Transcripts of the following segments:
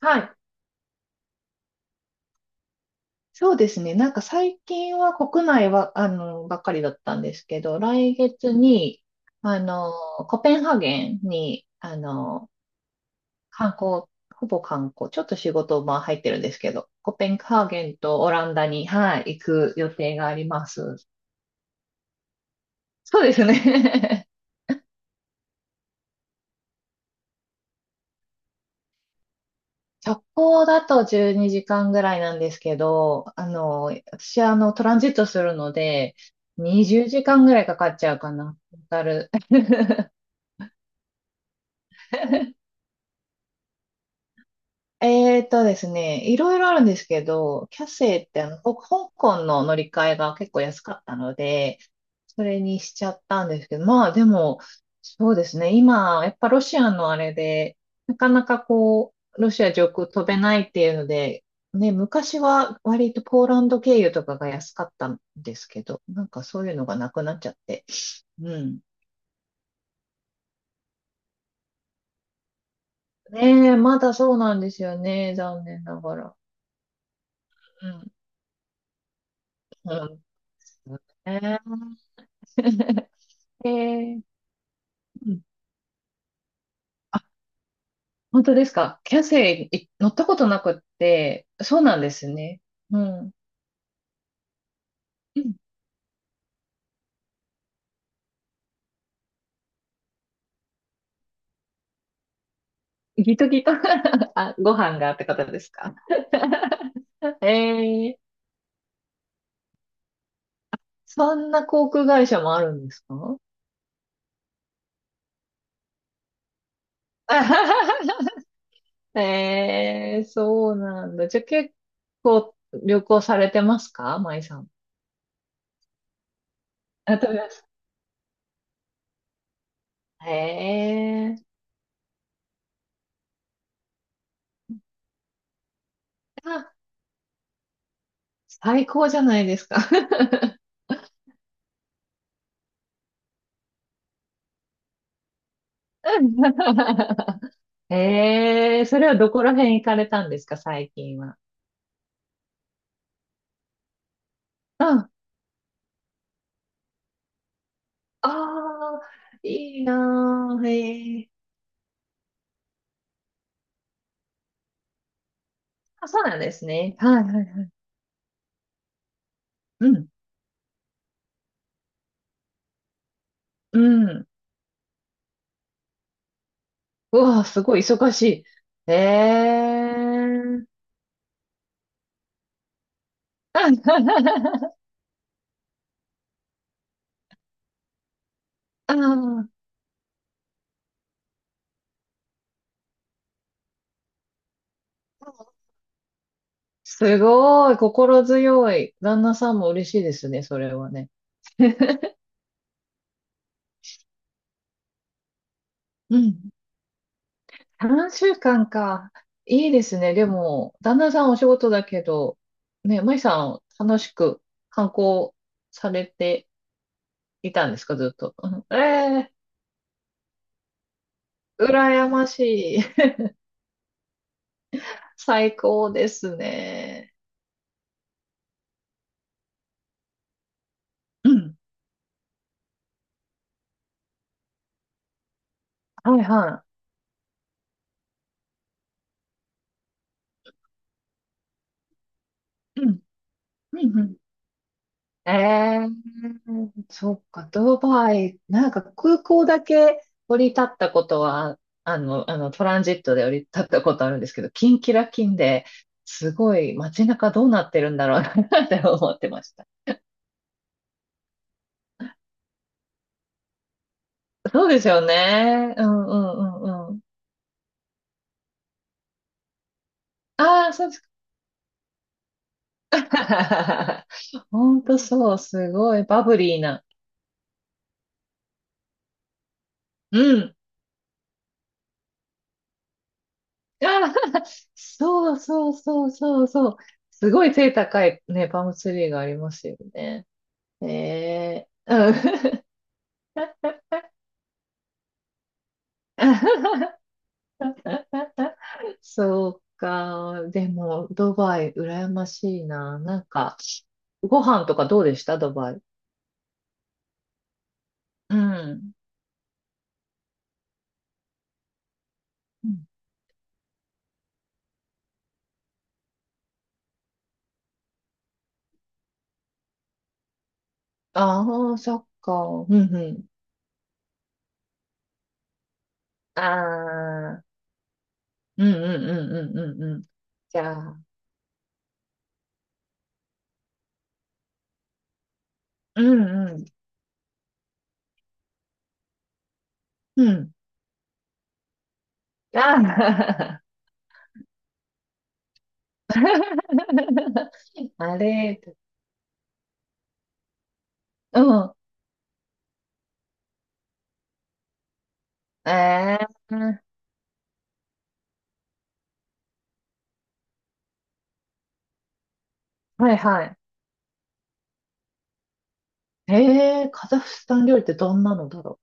はい。そうですね。なんか最近は国内は、ばっかりだったんですけど、来月に、あの、コペンハーゲンに、観光、ほぼ観光、ちょっと仕事、まあ入ってるんですけど、コペンハーゲンとオランダに、はい、行く予定があります。そうですね。直行だと12時間ぐらいなんですけど、私はトランジットするので、20時間ぐらいかかっちゃうかな。トータル。ですね、いろいろあるんですけど、キャセイって香港の乗り換えが結構安かったので、それにしちゃったんですけど、まあでも、そうですね、今、やっぱロシアのあれで、なかなかこう、ロシア上空飛べないっていうので、ね、昔は割とポーランド経由とかが安かったんですけど、なんかそういうのがなくなっちゃって。うん。ねえ、まだそうなんですよね、残念ながら。うん。うん。ね。 えー、うん、あ、本当ですか。キャセイい乗ったことなくって、そうなんですね。うん。うん。ギトギト。 あ、ご飯がってことですか。えー、そんな航空会社もあるんですか？ えー、そうなんだ。じゃあ結構旅行されてますか、舞さん。あ、飛びます。えー、あ、最高じゃないですか。ええ、それはどこら辺行かれたんですか、最近は。うん。ああ、いいなー。へえ。あ、そうなんですね。はいはいはい。うん。うん。うわあ、すごい忙しい。ええ。 ああ、すごい。心強い。旦那さんも嬉しいですね、それはね。うん。3週間かんか。いいですね。でも、旦那さんお仕事だけど、ね、舞さん、楽しく観光されていたんですか、ずっと。うん、ええー、羨ましい。最高ですね。うん。はいはい。うん。うん、うん。ええ、そっか、ドバイ、なんか空港だけ降り立ったことは、トランジットで降り立ったことあるんですけど、キンキラキンで、すごい街中どうなってるんだろうなって 思ってました。そうですよね。うんうんうんうん。ああ、そうですか。ほんとそう、すごいバブリーな。うん。ああ、そうそうそうそうそう。すごい背高いね、パームツリーがありますよね。ねえ。うん。 そうか。でも、ドバイ、羨ましいな。なんか、ご飯とかどうでしたドバイ。うん。ああー、そっか。うんうん。ああ、うんうんうんうんうんうん。じゃあ、うんうん。うん。ああ、あれ、うん。ええ、はいはい。ええ、カザフスタン料理ってどんなのだろ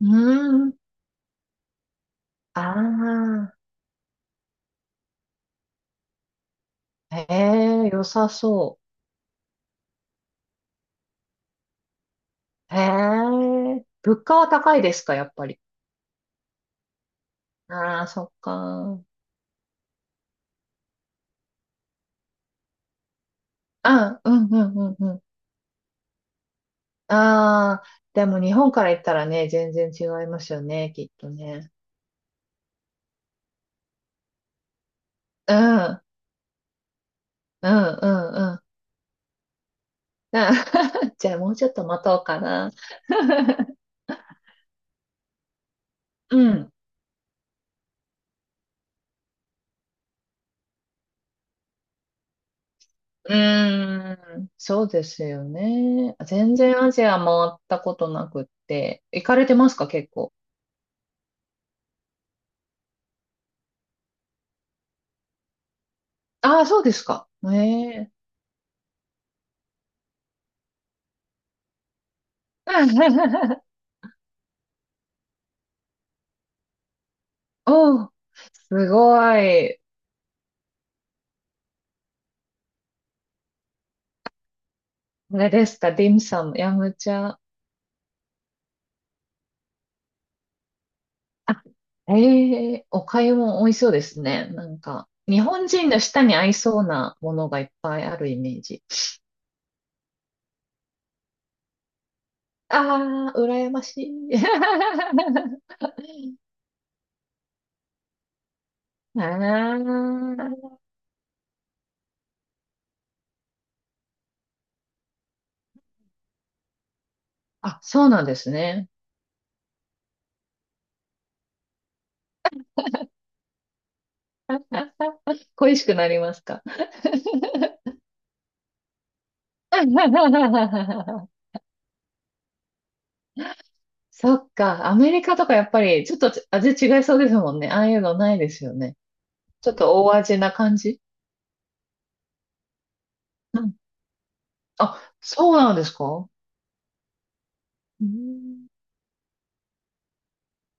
う。うーん。ああ、へえ、良さそう。へえ、物価は高いですか、やっぱり。ああ、そっか。あ、うんうんうんうん。ああ、でも日本から行ったらね、全然違いますよね、きっとね。うん、うん、うん、うん。じゃあもうちょっと待とうかな。うん。うーん、そうですよね。全然アジア回ったことなくって。行かれてますか、結構。ああ、そうですか。ねえ。おー、すごい。これですか、ディムサム、ヤムチャ。あ、ええ、お粥も美味しそうですね。なんか、日本人の舌に合いそうなものがいっぱいあるイメージ。ああ、羨ましい。あーあ、そうなんですね。恋しくなりますか。そっか、アメリカとかやっぱりちょっと味違いそうですもんね。ああいうのないですよね。ちょっと大味な感じ。あ、そうなんですか。うーん。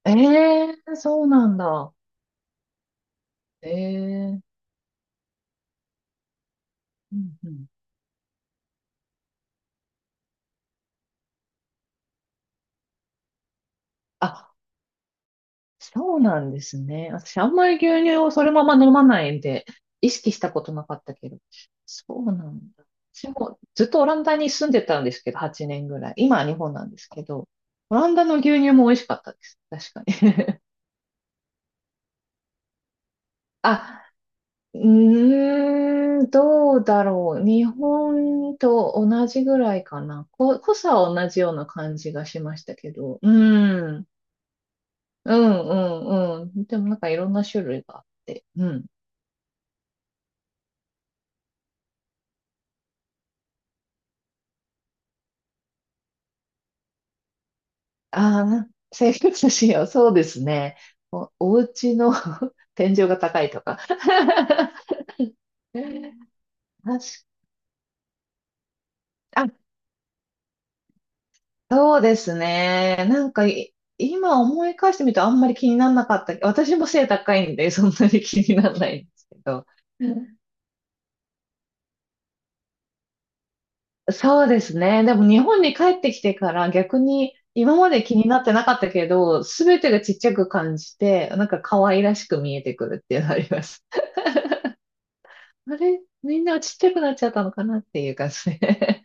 ええ、そうなんだ。ええ、うんうん。あ、そうなんですね。私、あんまり牛乳をそのまま飲まないんで、意識したことなかったけど。そうなんだ。私もずっとオランダに住んでたんですけど、8年ぐらい。今は日本なんですけど、オランダの牛乳も美味しかったです。確かに。あ、うーん、どうだろう。日本と同じぐらいかな。濃さは同じような感じがしましたけど。うん。うん、うん、うん。でもなんかいろんな種類があって。うん。ああ、な生活しよそうですね。お家の 天井が高いとか。確か、あ、そうですね。なんかい、今思い返してみるとあんまり気にならなかった。私も背高いんで、そんなに気にならないんですけど。うん。そうですね。でも日本に帰ってきてから逆に今まで気になってなかったけど、すべてがちっちゃく感じて、なんか可愛らしく見えてくるっていうのあります。あれみんなちっちゃくなっちゃったのかなっていう感じで。